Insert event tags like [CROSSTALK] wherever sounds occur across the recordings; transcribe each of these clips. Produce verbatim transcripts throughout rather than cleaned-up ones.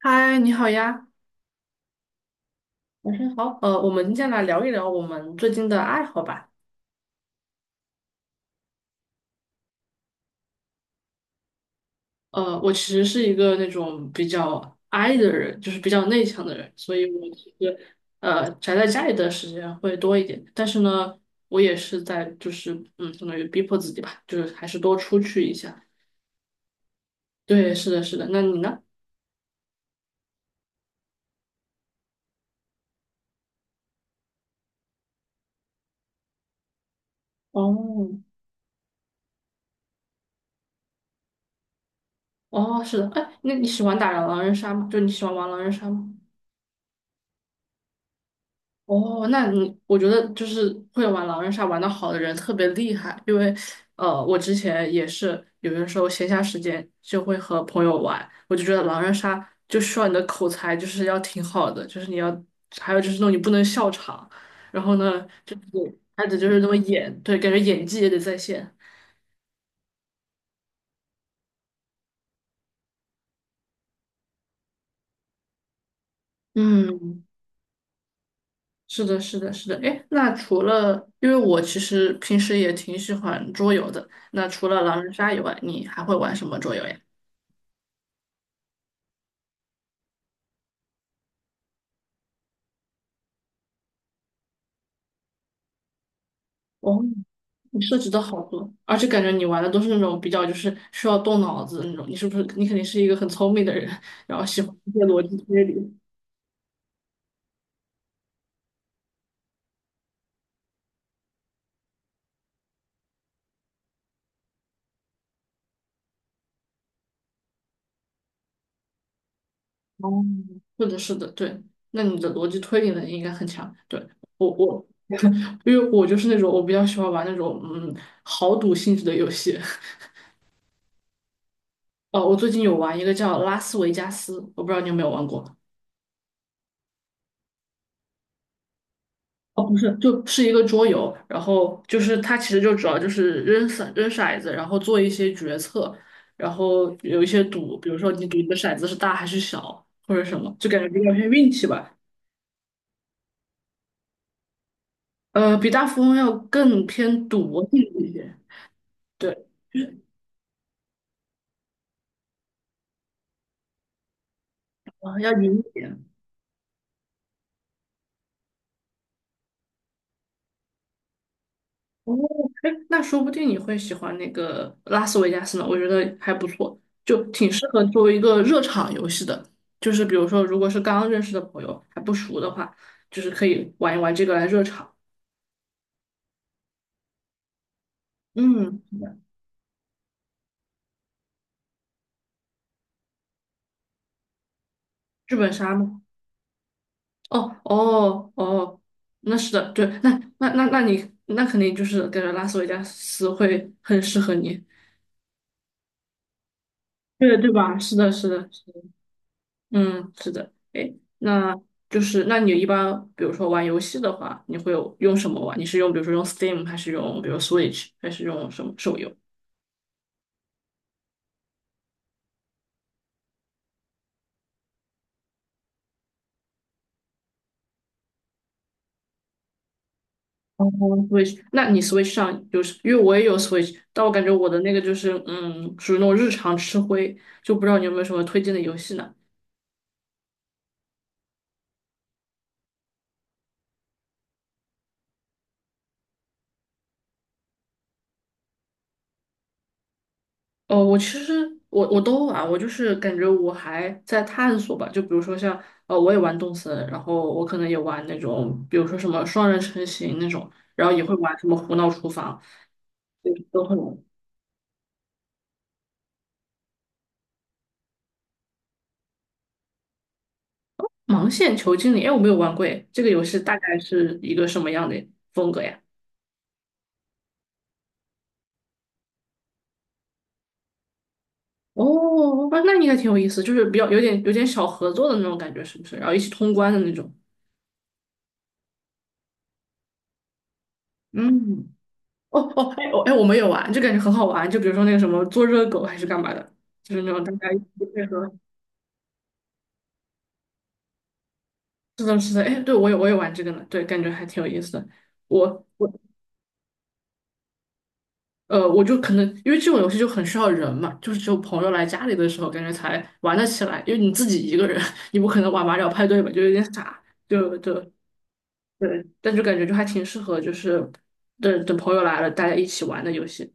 嗨，你好呀，晚上好。呃，我们今天来聊一聊我们最近的爱好吧。呃，我其实是一个那种比较 I 的人，就是比较内向的人，所以我其实呃宅在家里的时间会多一点。但是呢，我也是在就是嗯，相当于逼迫自己吧，就是还是多出去一下。对，是的，是的。那你呢？哦。哦，是的。哎，那你喜欢打狼人杀吗？就你喜欢玩狼人杀吗？哦，那你我觉得就是会玩狼人杀玩得好的人特别厉害，因为呃，我之前也是有的时候闲暇时间就会和朋友玩，我就觉得狼人杀就需要你的口才就是要挺好的，就是你要还有就是那种你不能笑场，然后呢就是还得就是那么演，对，感觉演技也得在线。嗯，是的，是的，是的。哎，那除了因为我其实平时也挺喜欢桌游的，那除了狼人杀以外，你还会玩什么桌游呀？哦，你设置的好多，而且感觉你玩的都是那种比较就是需要动脑子的那种。你是不是你肯定是一个很聪明的人，然后喜欢一些逻辑推理？哦，是的，是的，对。那你的逻辑推理能力应该很强。对，我我，因为我就是那种我比较喜欢玩那种嗯豪赌性质的游戏。[LAUGHS] 哦，我最近有玩一个叫《拉斯维加斯》，我不知道你有没有玩过。哦，不是，就是一个桌游，然后就是它其实就主要就是扔骰扔骰子，然后做一些决策，然后有一些赌，比如说你赌你的骰子是大还是小，或者什么，就感觉比较偏运气吧。呃，比大富翁要更偏赌博性质一些，对，啊，要赢一点。哦，哎，那说不定你会喜欢那个拉斯维加斯呢，我觉得还不错，就挺适合作为一个热场游戏的。就是比如说，如果是刚认识的朋友还不熟的话，就是可以玩一玩这个来热场。嗯，剧本杀吗？哦哦哦，那是的，对，那那那那你那肯定就是感觉拉斯维加斯会很适合你，对对吧？是的，是的，嗯，是的，哎，那就是那你一般比如说玩游戏的话，你会有用什么玩？你是用比如说用 Steam 还是用比如 Switch 还是用什么手游？哦，Switch，那你 Switch 上就是因为我也有 Switch，但我感觉我的那个就是嗯，属于那种日常吃灰，就不知道你有没有什么推荐的游戏呢？哦，我其实我我都玩，我就是感觉我还在探索吧。就比如说像哦，我也玩动森，然后我可能也玩那种，比如说什么双人成行那种，然后也会玩什么胡闹厨房，对，都会玩。盲线球经理，哎，我没有玩过，哎，这个游戏大概是一个什么样的风格呀？哦，那那应该挺有意思，就是比较有点有点小合作的那种感觉，是不是？然后一起通关的那种。嗯，哦哦，哎哦哎，我们也玩，就感觉很好玩。就比如说那个什么做热狗还是干嘛的，就是那种大家一起配合。是的，是的，哎，对，我也我也玩这个呢，对，感觉还挺有意思的。我我呃，我就可能因为这种游戏就很需要人嘛，就是只有朋友来家里的时候，感觉才玩得起来。因为你自己一个人，[LAUGHS] 你不可能玩马里奥派对吧，就有点傻。就就对，但就感觉就还挺适合，就是等等朋友来了，大家一起玩的游戏。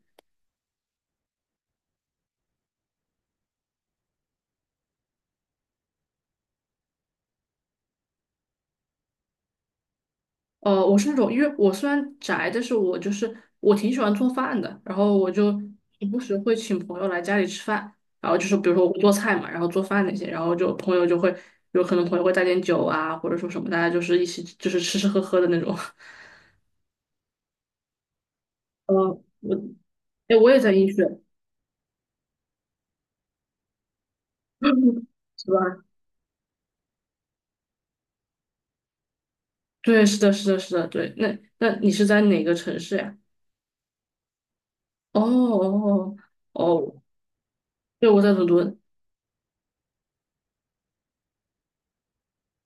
呃，我是那种，因为我虽然宅，但是我就是我挺喜欢做饭的，然后我就时不时会请朋友来家里吃饭，然后就是比如说我会做菜嘛，然后做饭那些，然后就朋友就会有可能朋友会带点酒啊，或者说什么，大家就是一起就是吃吃喝喝的那种。[LAUGHS] 呃，我哎，我也在医学。[LAUGHS] 是吧？对，是的，是的，是的，对。那那你是在哪个城市呀？哦哦哦，哦，对，我在伦敦。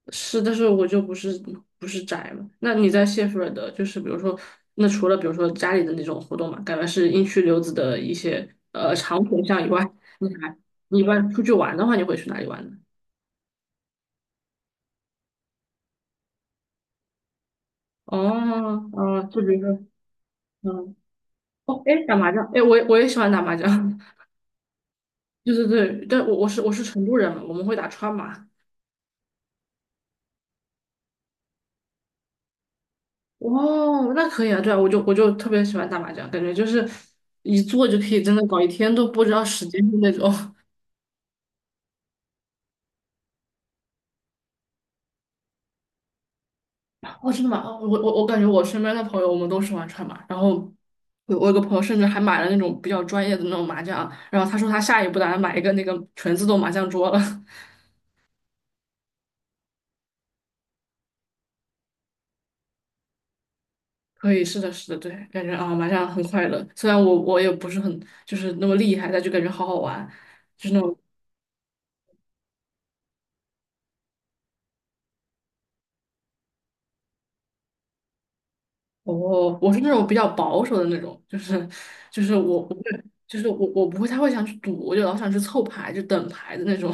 是，但是我就不是不是宅嘛。那你在谢菲尔德，就是比如说，那除了比如说家里的那种活动嘛，感觉是英区留子的一些呃长选项以外，你你一般出去玩的话，你会去哪里玩呢？哦，呃，就比如说，嗯。哦，哎，打麻将，哎，我也我也喜欢打麻将。[LAUGHS] 对对对，但我我是我是成都人嘛，我们会打川麻。哦，那可以啊，对啊，我就我就特别喜欢打麻将，感觉就是一坐就可以真的搞一天都不知道时间的那种。哦，真的吗？哦，我我我感觉我身边的朋友，我们都喜欢串嘛。然后我我有个朋友甚至还买了那种比较专业的那种麻将，然后他说他下一步打算买一个那个全自动麻将桌了。[LAUGHS] 可以，是的，是的，对，感觉啊，麻将很快乐。虽然我我也不是很就是那么厉害，但就感觉好好玩，就是那种哦，我是那种比较保守的那种，就是就是我不会，就是我我不会太会想去赌，我就老想去凑牌，就等牌的那种。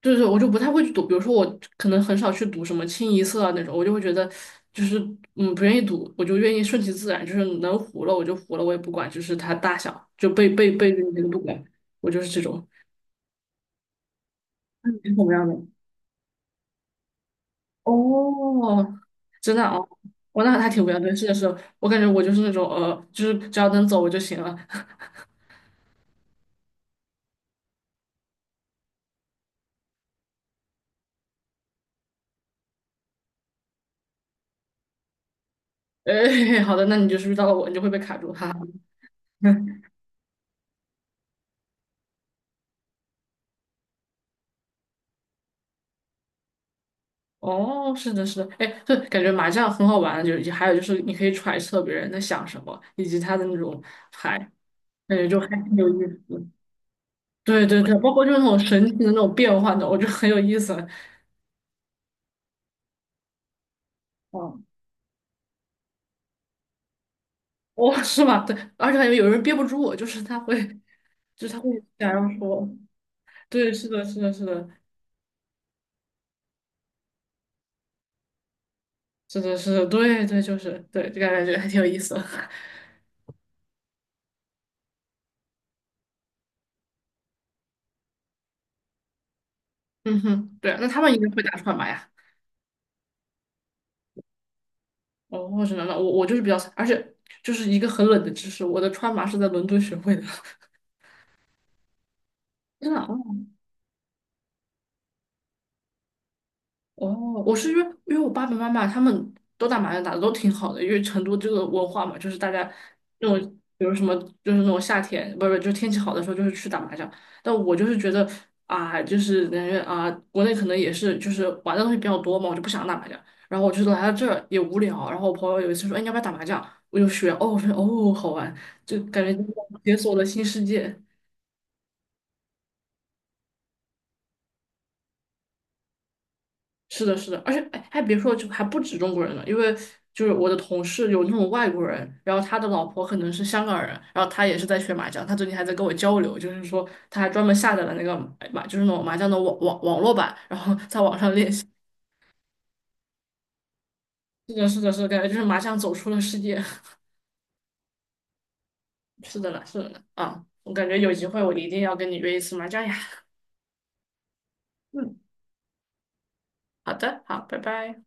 对对，我就不太会去读，比如说我可能很少去赌什么清一色啊那种，我就会觉得就是嗯不愿意赌，我就愿意顺其自然，就是能糊了我就糊了，我也不管，就是它大小就背背背着你就不管，我就是这种，你是什么样的？哦，真的啊，我那还挺不一样的，是的是的，我感觉我就是那种呃，就是只要能走我就行了。[LAUGHS] 哎，好的，那你就是遇到了我，你就会被卡住，哈哈。哦，是的，是的，哎，对，感觉麻将很好玩，就是还有就是你可以揣测别人在想什么，以及他的那种牌，感觉就还挺有意思。对对对，包括就是那种神奇的那种变换的，我觉得很有意思。嗯。哦，是吧？对，而且感觉有人憋不住我就是他会，就是他会想要说，对，是的，是的，是的，是的，是的，对对，就是对，就感觉还挺有意思的。[LAUGHS] 嗯哼，对啊，那他们应该会打出来吧呀？哦，我只能了，我我就是比较，而且就是一个很冷的知识，我的川麻是在伦敦学会的。[LAUGHS] 真的，哦，我是因为因为我爸爸妈妈他们都打麻将打的都挺好的，因为成都这个文化嘛，就是大家那种比如什么就是那种夏天，不是就天气好的时候就是去打麻将。但我就是觉得啊，就是感觉啊，国内可能也是就是玩的东西比较多嘛，我就不想打麻将。然后我就来到这儿也无聊，然后我朋友有一次说，哎，你要不要打麻将？我就学，哦，我说哦，好玩，就感觉就是解锁了新世界。是的，是的，而且哎，还别说，就还不止中国人呢，因为就是我的同事有那种外国人，然后他的老婆可能是香港人，然后他也是在学麻将，他最近还在跟我交流，就是说他还专门下载了那个麻，就是那种麻将的网网网络版，然后 [LAUGHS] 在网上练习。是的，是的，是的，感觉就是麻将走出了世界。[LAUGHS] 是的呢，是的呢，啊，我感觉有机会我一定要跟你约一次麻将呀。嗯，好的，好，拜拜。